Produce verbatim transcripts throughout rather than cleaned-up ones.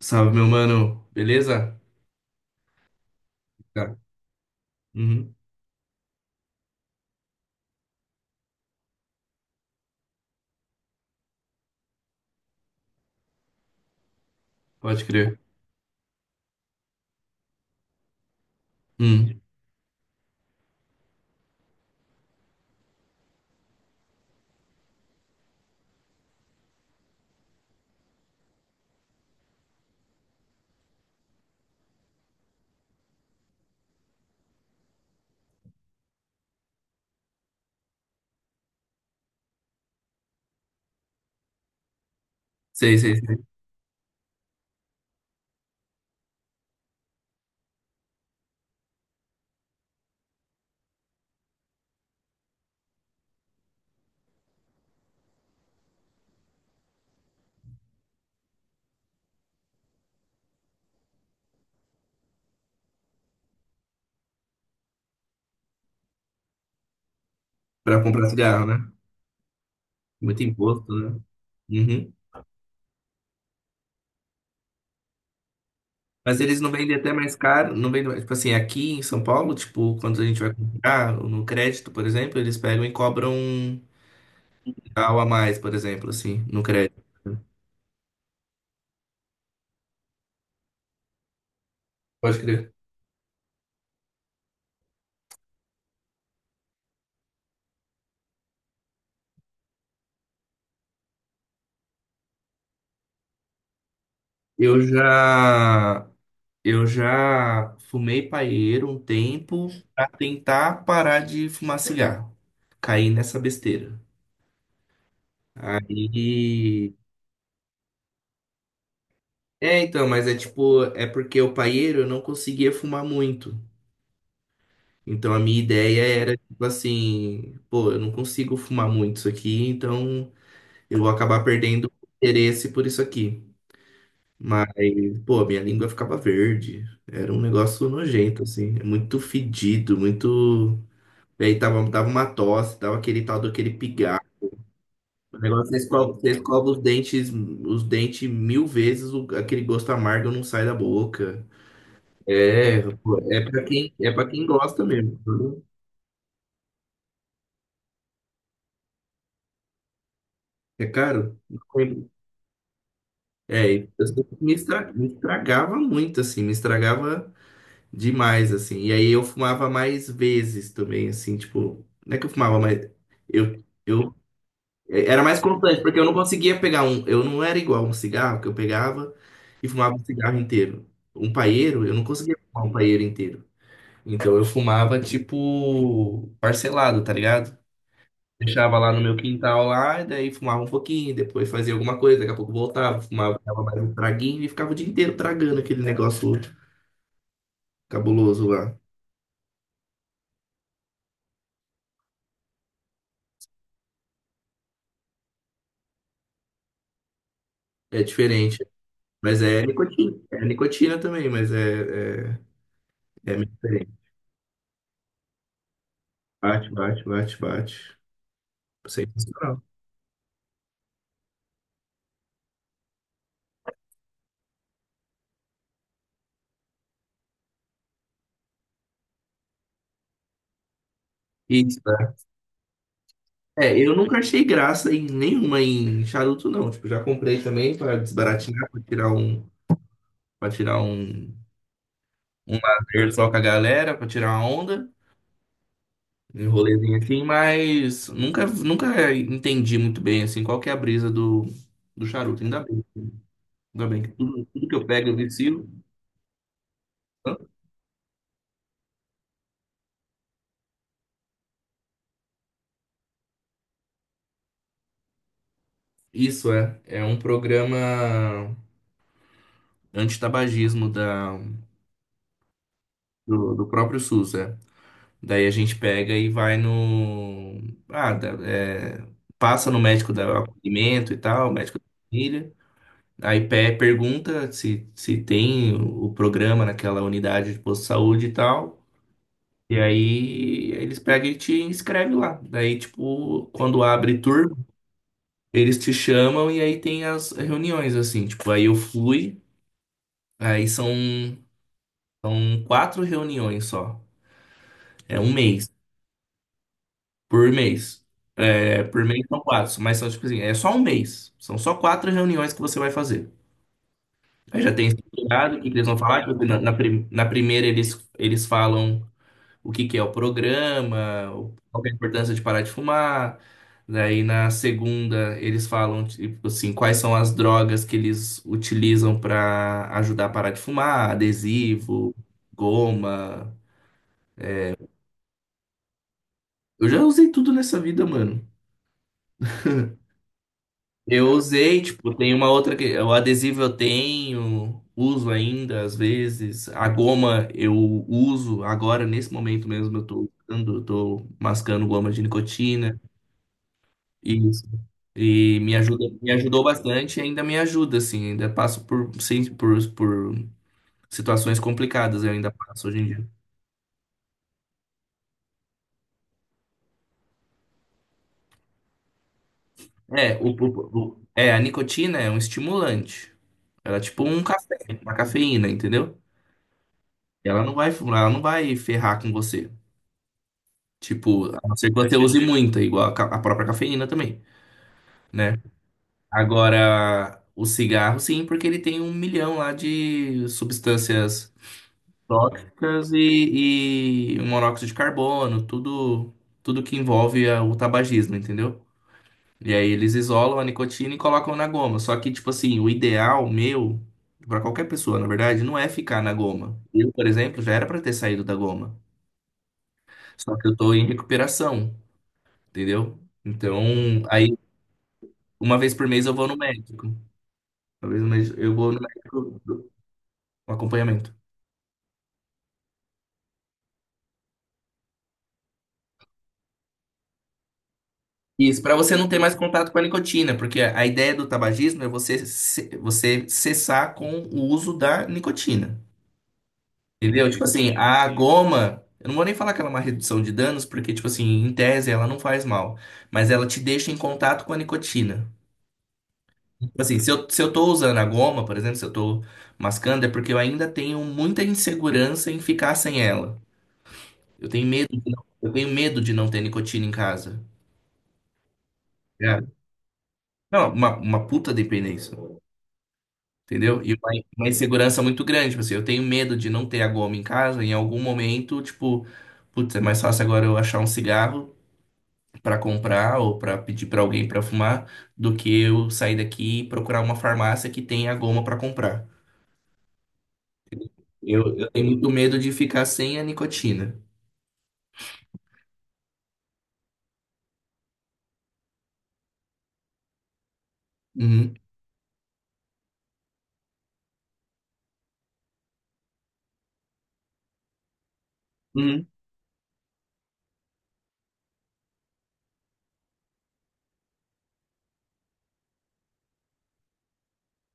Salve, meu mano. Beleza? Tá. Uhum. Pode crer. Hum. Sei, sei, sei. Pra comprar cigarro, né? Muito imposto, né? Uhum. Mas eles não vendem até mais caro, não vendem mais. Tipo assim, aqui em São Paulo, tipo, quando a gente vai comprar no crédito, por exemplo, eles pegam e cobram um real a mais, por exemplo, assim, no crédito. Pode crer. Eu já, eu já fumei paieiro um tempo pra tentar parar de fumar cigarro. Caí nessa besteira. Aí. É, então, mas é tipo, é porque o paieiro eu não conseguia fumar muito. Então a minha ideia era, tipo assim, pô, eu não consigo fumar muito isso aqui, então eu vou acabar perdendo o interesse por isso aqui. Mas, pô, minha língua ficava verde. Era um negócio nojento, assim. É muito fedido, muito. E aí tava, dava uma tosse, dava aquele tal daquele pigarro. O negócio, você escova, você escova os dentes, os dentes mil vezes, o- aquele gosto amargo não sai da boca. É, pô, é para quem, é para quem gosta mesmo. Viu? É caro? Não lembro. É, e eu sei que me estra- me estragava muito, assim, me estragava demais, assim. E aí eu fumava mais vezes também, assim, tipo, não é que eu fumava mais. Eu, eu é, era mais constante, porque eu não conseguia pegar um. Eu não era igual um cigarro que eu pegava e fumava um cigarro inteiro. Um paeiro, eu não conseguia fumar um paeiro inteiro. Então eu fumava, tipo, parcelado, tá ligado? Deixava lá no meu quintal lá, e daí fumava um pouquinho, depois fazia alguma coisa, daqui a pouco voltava, fumava, dava mais um traguinho e ficava o dia inteiro tragando aquele negócio cabuloso lá. É diferente. Mas é nicotina. É nicotina também, mas é, é, é meio diferente. Bate, bate, bate, bate. Sensacional. Isso, né? É, eu nunca achei graça em nenhuma em charuto, não. Tipo, já comprei também para desbaratinar, para tirar um, para tirar um, um lazer só com a galera, para tirar uma onda. Um rolezinho assim, mas nunca, nunca entendi muito bem assim qual que é a brisa do, do charuto. Ainda bem, ainda bem que tudo, tudo que eu pego eu vicio. Hã? Isso é, é um programa antitabagismo da, do, do próprio SUS, é. Daí a gente pega e vai no. Ah, da- é, passa no médico do acolhimento e tal, médico da família. Aí pe- pergunta se, se tem o o programa naquela unidade de posto de saúde e tal. E aí eles pegam e te inscrevem lá. Daí, tipo, quando abre turma, eles te chamam e aí tem as reuniões, assim. Tipo, aí eu fui, aí são, são quatro reuniões só. É um mês, por mês. É, por mês são quatro, mas são, tipo assim, é só um mês. São só quatro reuniões que você vai fazer. Aí já tem estruturado o que que eles vão falar. Tipo, na, na, prim- na primeira eles, eles falam o que que é o programa, o- qual que é a importância de parar de fumar. Daí na segunda eles falam tipo assim, quais são as drogas que eles utilizam para ajudar a parar de fumar, adesivo, goma. Eu já usei tudo nessa vida, mano. Eu usei, tipo, tem uma outra que o adesivo eu tenho, uso ainda às vezes. A goma eu uso agora nesse momento mesmo eu tô usando, eu tô mascando goma de nicotina. e E me ajuda, me ajudou bastante e ainda me ajuda, assim, ainda passo por, sim, por, por situações complicadas, eu ainda passo hoje em dia. É, o, o- o- é, a nicotina é um estimulante. Ela é tipo um café, uma cafeína, entendeu? Ela não vai, ela não vai ferrar com você. Tipo, a não ser que você use muita, igual a, ca- a própria cafeína também, né? Agora, o cigarro, sim, porque ele tem um milhão lá de substâncias tóxicas e, e o monóxido de carbono, tudo, tudo que envolve a- o tabagismo, entendeu? E aí eles isolam a nicotina e colocam na goma. Só que, tipo assim, o ideal meu, pra qualquer pessoa, na verdade, não é ficar na goma. Eu, por exemplo, já era pra ter saído da goma. Só que eu tô em recuperação, entendeu? Então, aí, uma vez por mês eu vou no médico. Uma vez no mês eu vou no médico, do acompanhamento. Isso, para você não ter mais contato com a nicotina, porque a ideia do tabagismo é você, ce- você cessar com o uso da nicotina. Entendeu? Tipo assim, a goma, eu não vou nem falar que ela é uma redução de danos, porque, tipo assim, em tese ela não faz mal, mas ela te deixa em contato com a nicotina. Tipo assim, se eu, se eu tô usando a goma, por exemplo, se eu tô mascando, é porque eu ainda tenho muita insegurança em ficar sem ela. Eu tenho medo de não, eu tenho medo de não ter nicotina em casa. É. Não, uma, uma puta dependência. Entendeu? E uma, uma insegurança muito grande. Tipo assim, eu tenho medo de não ter a goma em casa, em algum momento, tipo, putz, é mais fácil agora eu achar um cigarro pra comprar ou pra pedir pra alguém pra fumar do que eu sair daqui e procurar uma farmácia que tenha a goma pra comprar. Eu, eu tenho muito medo de ficar sem a nicotina. Uhum. Uhum.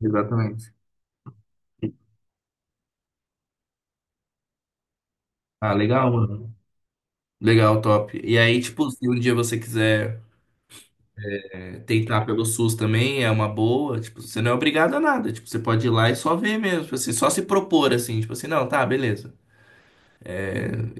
Exatamente. Ah, legal, mano. Legal, top. E aí, tipo, se um dia você quiser, tentar pelo SUS também é uma boa, tipo, você não é obrigado a nada, tipo, você pode ir lá e só ver mesmo, tipo assim, só se propor assim, tipo assim, não, tá, beleza.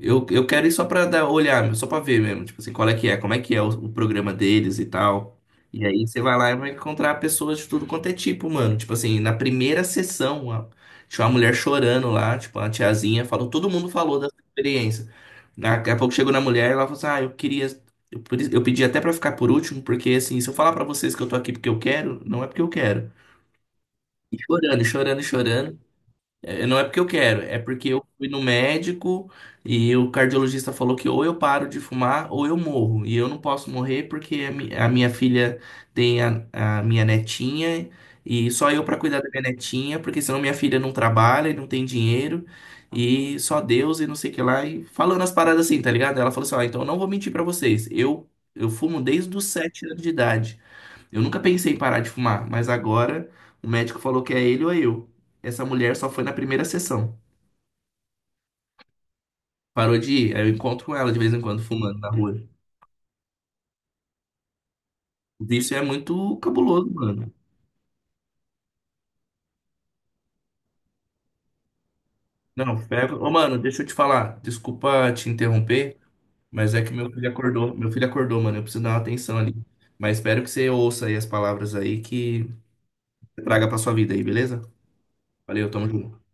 Eu, eu quero ir só pra dar, olhar, só pra ver mesmo, tipo assim, qual é que é, como é que é o, o programa deles e tal. E aí você vai lá e vai encontrar pessoas de tudo quanto é tipo, mano. Tipo assim, na primeira sessão, a- tinha uma mulher chorando lá, tipo, uma tiazinha falou, todo mundo falou dessa experiência. Daqui a pouco chegou na mulher e ela falou assim, ah, eu queria, eu, por isso- eu pedi até pra ficar por último, porque assim, se eu falar pra vocês que eu tô aqui porque eu quero, não é porque eu quero. E chorando, e chorando, e chorando. É, não é porque eu quero, é porque eu fui no médico e o cardiologista falou que ou eu paro de fumar ou eu morro. E eu não posso morrer porque a mi- a minha filha tem a, a minha netinha e só eu para cuidar da minha netinha, porque senão minha filha não trabalha e não tem dinheiro e só Deus e não sei o que lá. E falando as paradas assim, tá ligado? Ela falou assim: ó, então eu não vou mentir para vocês, eu, eu fumo desde os sete anos de idade. Eu nunca pensei em parar de fumar, mas agora o médico falou que é ele ou é eu. Essa mulher só foi na primeira sessão. Parou de ir. Aí eu encontro ela de vez em quando fumando na rua. Isso é muito cabuloso, mano. Não, pega. Ô, mano, deixa eu te falar. Desculpa te interromper, mas é que meu filho acordou. Meu filho acordou, mano. Eu preciso dar uma atenção ali. Mas espero que você ouça aí as palavras aí que traga pra sua vida aí, beleza? Valeu, tamo junto.